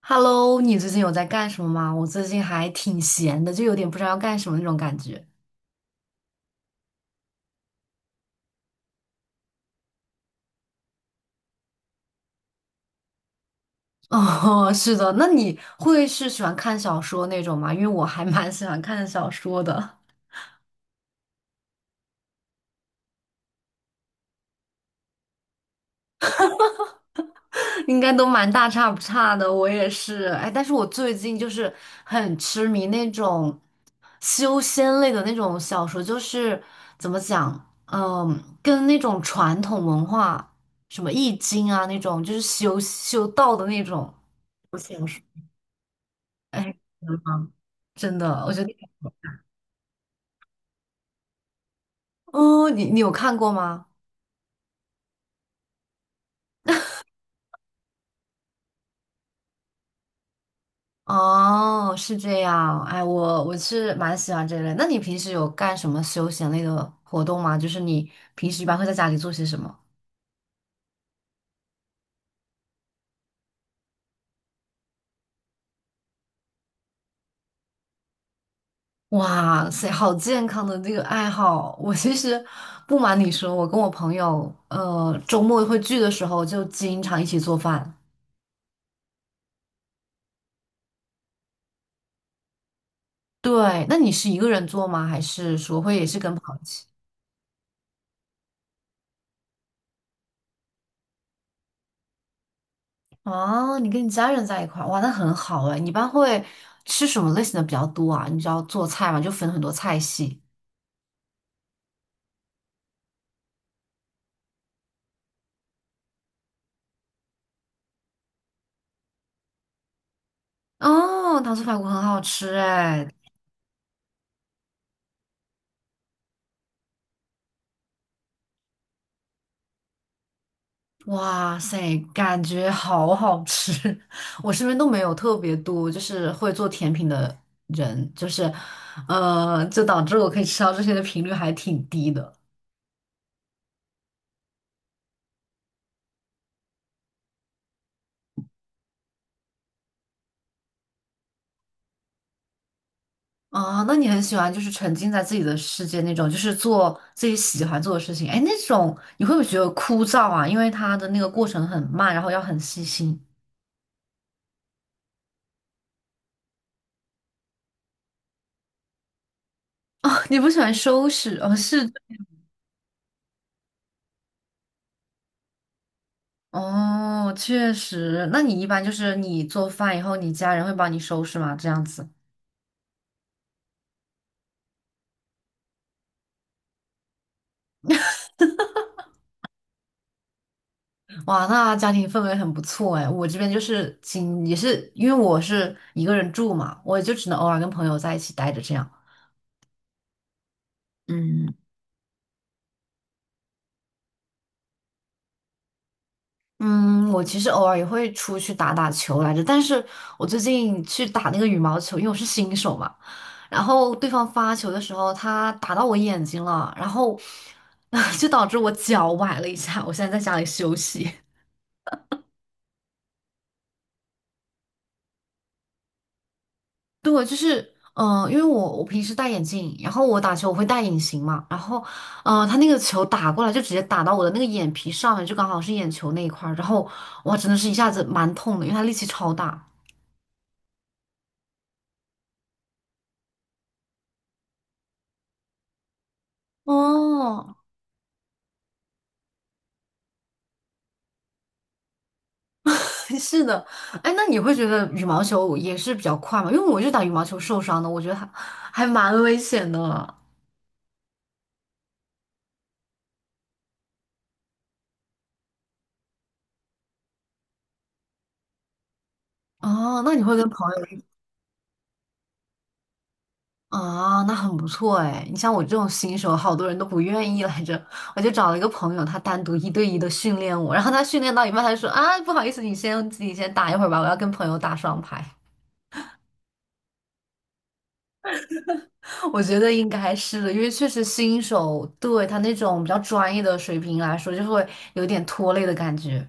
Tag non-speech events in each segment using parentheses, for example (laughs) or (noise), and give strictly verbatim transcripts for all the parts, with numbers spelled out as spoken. Hello，你最近有在干什么吗？我最近还挺闲的，就有点不知道要干什么那种感觉。(laughs) 哦，是的，那你会是喜欢看小说那种吗？因为我还蛮喜欢看小说的，(laughs) 应该都蛮大差不差的。我也是，哎，但是我最近就是很痴迷那种修仙类的那种小说，就是怎么讲，嗯，跟那种传统文化，什么易经啊那种，就是修修道的那种，我想说，哎。真的，我觉得 (laughs)，哦，你你有看过吗？哦，是这样，哎，我我是蛮喜欢这类。那你平时有干什么休闲类的活动吗？就是你平时一般会在家里做些什么？哇塞，好健康的这个爱好！我其实不瞒你说，我跟我朋友，呃，周末会聚的时候就经常一起做饭。对，那你是一个人做吗？还是说会也是跟朋友？一起？哦，你跟你家人在一块儿，哇，那很好哎。你一般会吃什么类型的比较多啊？你知道做菜嘛，就分很多菜系。哦，糖醋排骨很好吃哎，哇塞，感觉好好吃。(laughs) 我身边都没有特别多就是会做甜品的人，就是，呃，就导致我可以吃到这些的频率还挺低的。啊，那你很喜欢就是沉浸在自己的世界那种，就是做自己喜欢做的事情。哎，那种你会不会觉得枯燥啊？因为它的那个过程很慢，然后要很细心。哦，你不喜欢收拾？哦，是哦，确实。那你一般就是你做饭以后，你家人会帮你收拾吗？这样子。哇，那家庭氛围很不错哎。我这边就是仅也是因为我是一个人住嘛，我就只能偶尔跟朋友在一起待着这样。嗯。嗯，我其实偶尔也会出去打打球来着，但是我最近去打那个羽毛球，因为我是新手嘛，然后对方发球的时候，他打到我眼睛了，然后 (laughs) 就导致我脚崴了一下，我现在在家里休息。(laughs) 对，就是嗯、呃因为我我平时戴眼镜，然后我打球我会戴隐形嘛，然后嗯、呃他那个球打过来就直接打到我的那个眼皮上面，就刚好是眼球那一块儿，然后哇，真的是一下子蛮痛的，因为他力气超大。哦，(laughs) 是的，哎，那你会觉得羽毛球也是比较快吗？因为我就打羽毛球受伤的，我觉得还还蛮危险的。哦，那你会跟朋友一啊？那很不错哎。你像我这种新手，好多人都不愿意来着。我就找了一个朋友，他单独一对一的训练我，然后他训练到一半，他就说啊，不好意思，你先自己先打一会儿吧，我要跟朋友打双排。(laughs) 我觉得应该是的，因为确实新手对他那种比较专业的水平来说，就会有点拖累的感觉。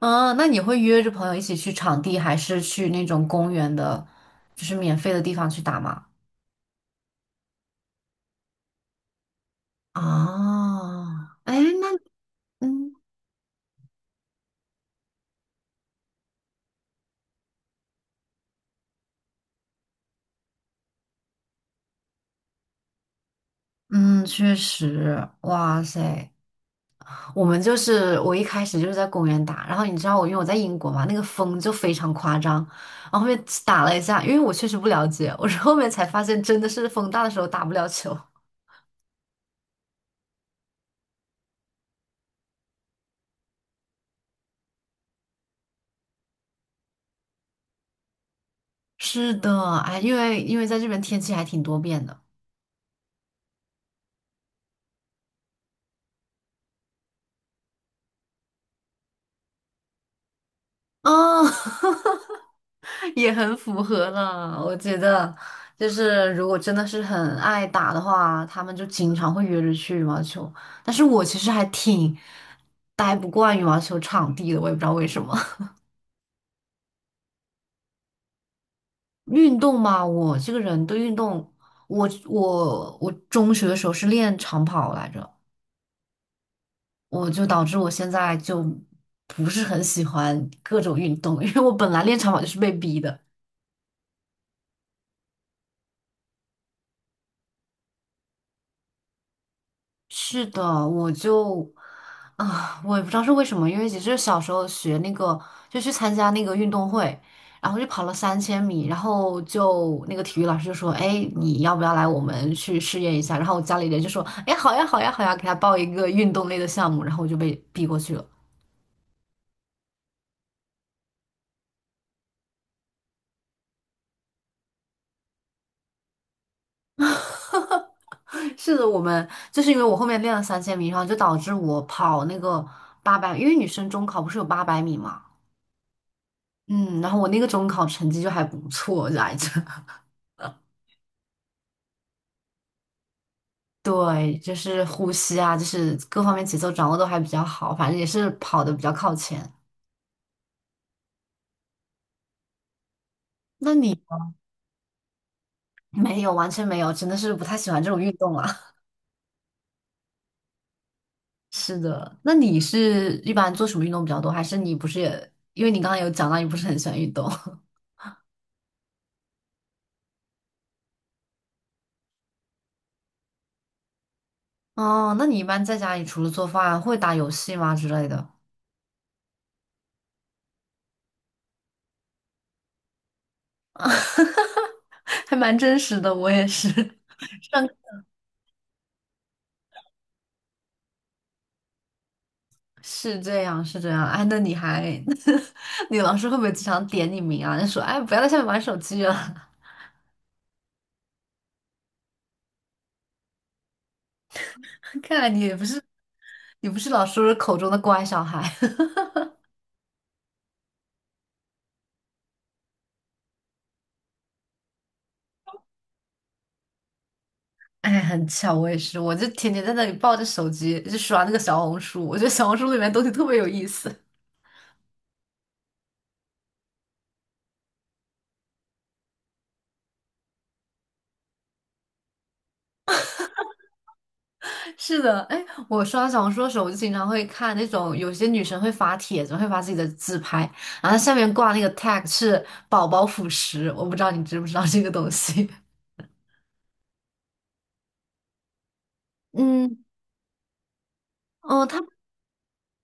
啊，那你会约着朋友一起去场地，还是去那种公园的，就是免费的地方去打吗？啊，哎，那嗯嗯，确实，哇塞，我们就是我一开始就是在公园打，然后你知道我因为我在英国嘛，那个风就非常夸张，然后后面打了一下，因为我确实不了解，我是后面才发现真的是风大的时候打不了球。是的，哎，因为因为在这边天气还挺多变的。啊。(laughs) (laughs) 也很符合了，我觉得就是如果真的是很爱打的话，他们就经常会约着去羽毛球。但是我其实还挺待不惯羽毛球场地的，我也不知道为什么。(laughs) 运动嘛，我这个人对运动，我我我中学的时候是练长跑来着，我就导致我现在就不是很喜欢各种运动，因为我本来练长跑就是被逼的。是的，我就啊、我也不知道是为什么，因为其实小时候学那个，就去参加那个运动会，然后就跑了三千米，然后就那个体育老师就说：“哎，你要不要来我们去试验一下？”然后我家里人就说：“哎，好呀，好呀，好呀，给他报一个运动类的项目。”然后我就被逼过去了。(laughs) 是的，我们就是因为我后面练了三千米，然后就导致我跑那个八百，因为女生中考不是有八百米嘛，嗯，然后我那个中考成绩就还不错来着。对，就是呼吸啊，就是各方面节奏掌握都还比较好，反正也是跑的比较靠前。那你没有，完全没有，真的是不太喜欢这种运动了。(laughs) 是的，那你是一般做什么运动比较多？还是你不是也，因为你刚刚有讲到你不是很喜欢运动 (laughs) 哦？那你一般在家里除了做饭，会打游戏吗之类的？(laughs) 还蛮真实的，我也是。(laughs) 上是这样，是这样。哎，那你还，(laughs) 你老师会不会经常点你名啊？就说，哎，不要在下面玩手机了。(laughs) 看来你也不是，你不是老师口中的乖小孩。(laughs) 哎，很巧，我也是，我就天天在那里抱着手机，就刷那个小红书。我觉得小红书里面东西特别有意思。(laughs) 是的，哎，我刷小红书的时候，我就经常会看那种有些女生会发帖子，会发自己的自拍，然后它下面挂那个 tag 是宝宝辅食，我不知道你知不知道这个东西。(laughs) 嗯，哦，它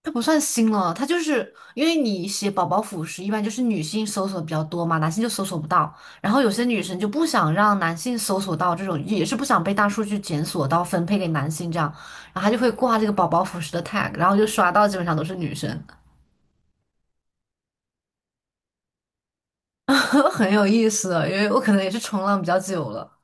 它不算新了，它就是因为你写宝宝辅食，一般就是女性搜索比较多嘛，男性就搜索不到。然后有些女生就不想让男性搜索到这种，也是不想被大数据检索到分配给男性这样，然后她就会挂这个宝宝辅食的 tag，然后就刷到基本上都是女生，(laughs) 很有意思的因为我可能也是冲浪比较久了。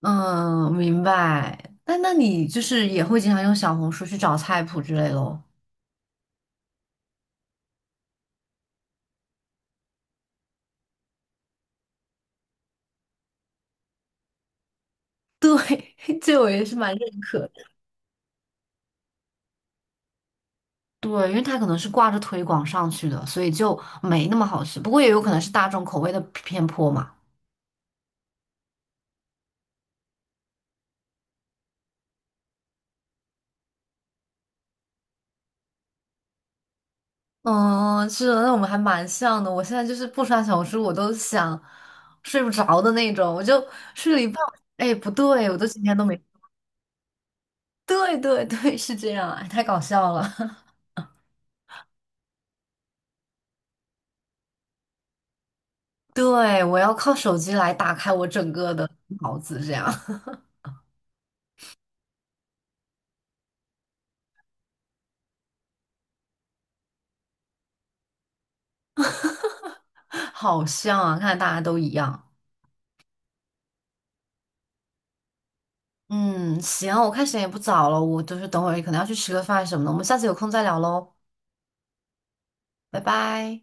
嗯，明白。那那你就是也会经常用小红书去找菜谱之类咯？(laughs) 对，这我也是蛮认可。对，因为它可能是挂着推广上去的，所以就没那么好吃。不过也有可能是大众口味的偏颇嘛。嗯，是的，那我们还蛮像的。我现在就是不刷小红书，我都想睡不着的那种，我就睡了一半，哎，不对，我都今天都没。对对对，是这样，哎，太搞笑了。(laughs) 对，我要靠手机来打开我整个的脑子，这样 (laughs) 好像啊，看来大家都一样。嗯，行，我看时间也不早了，我就是等会儿可能要去吃个饭什么的，我们下次有空再聊喽。拜拜。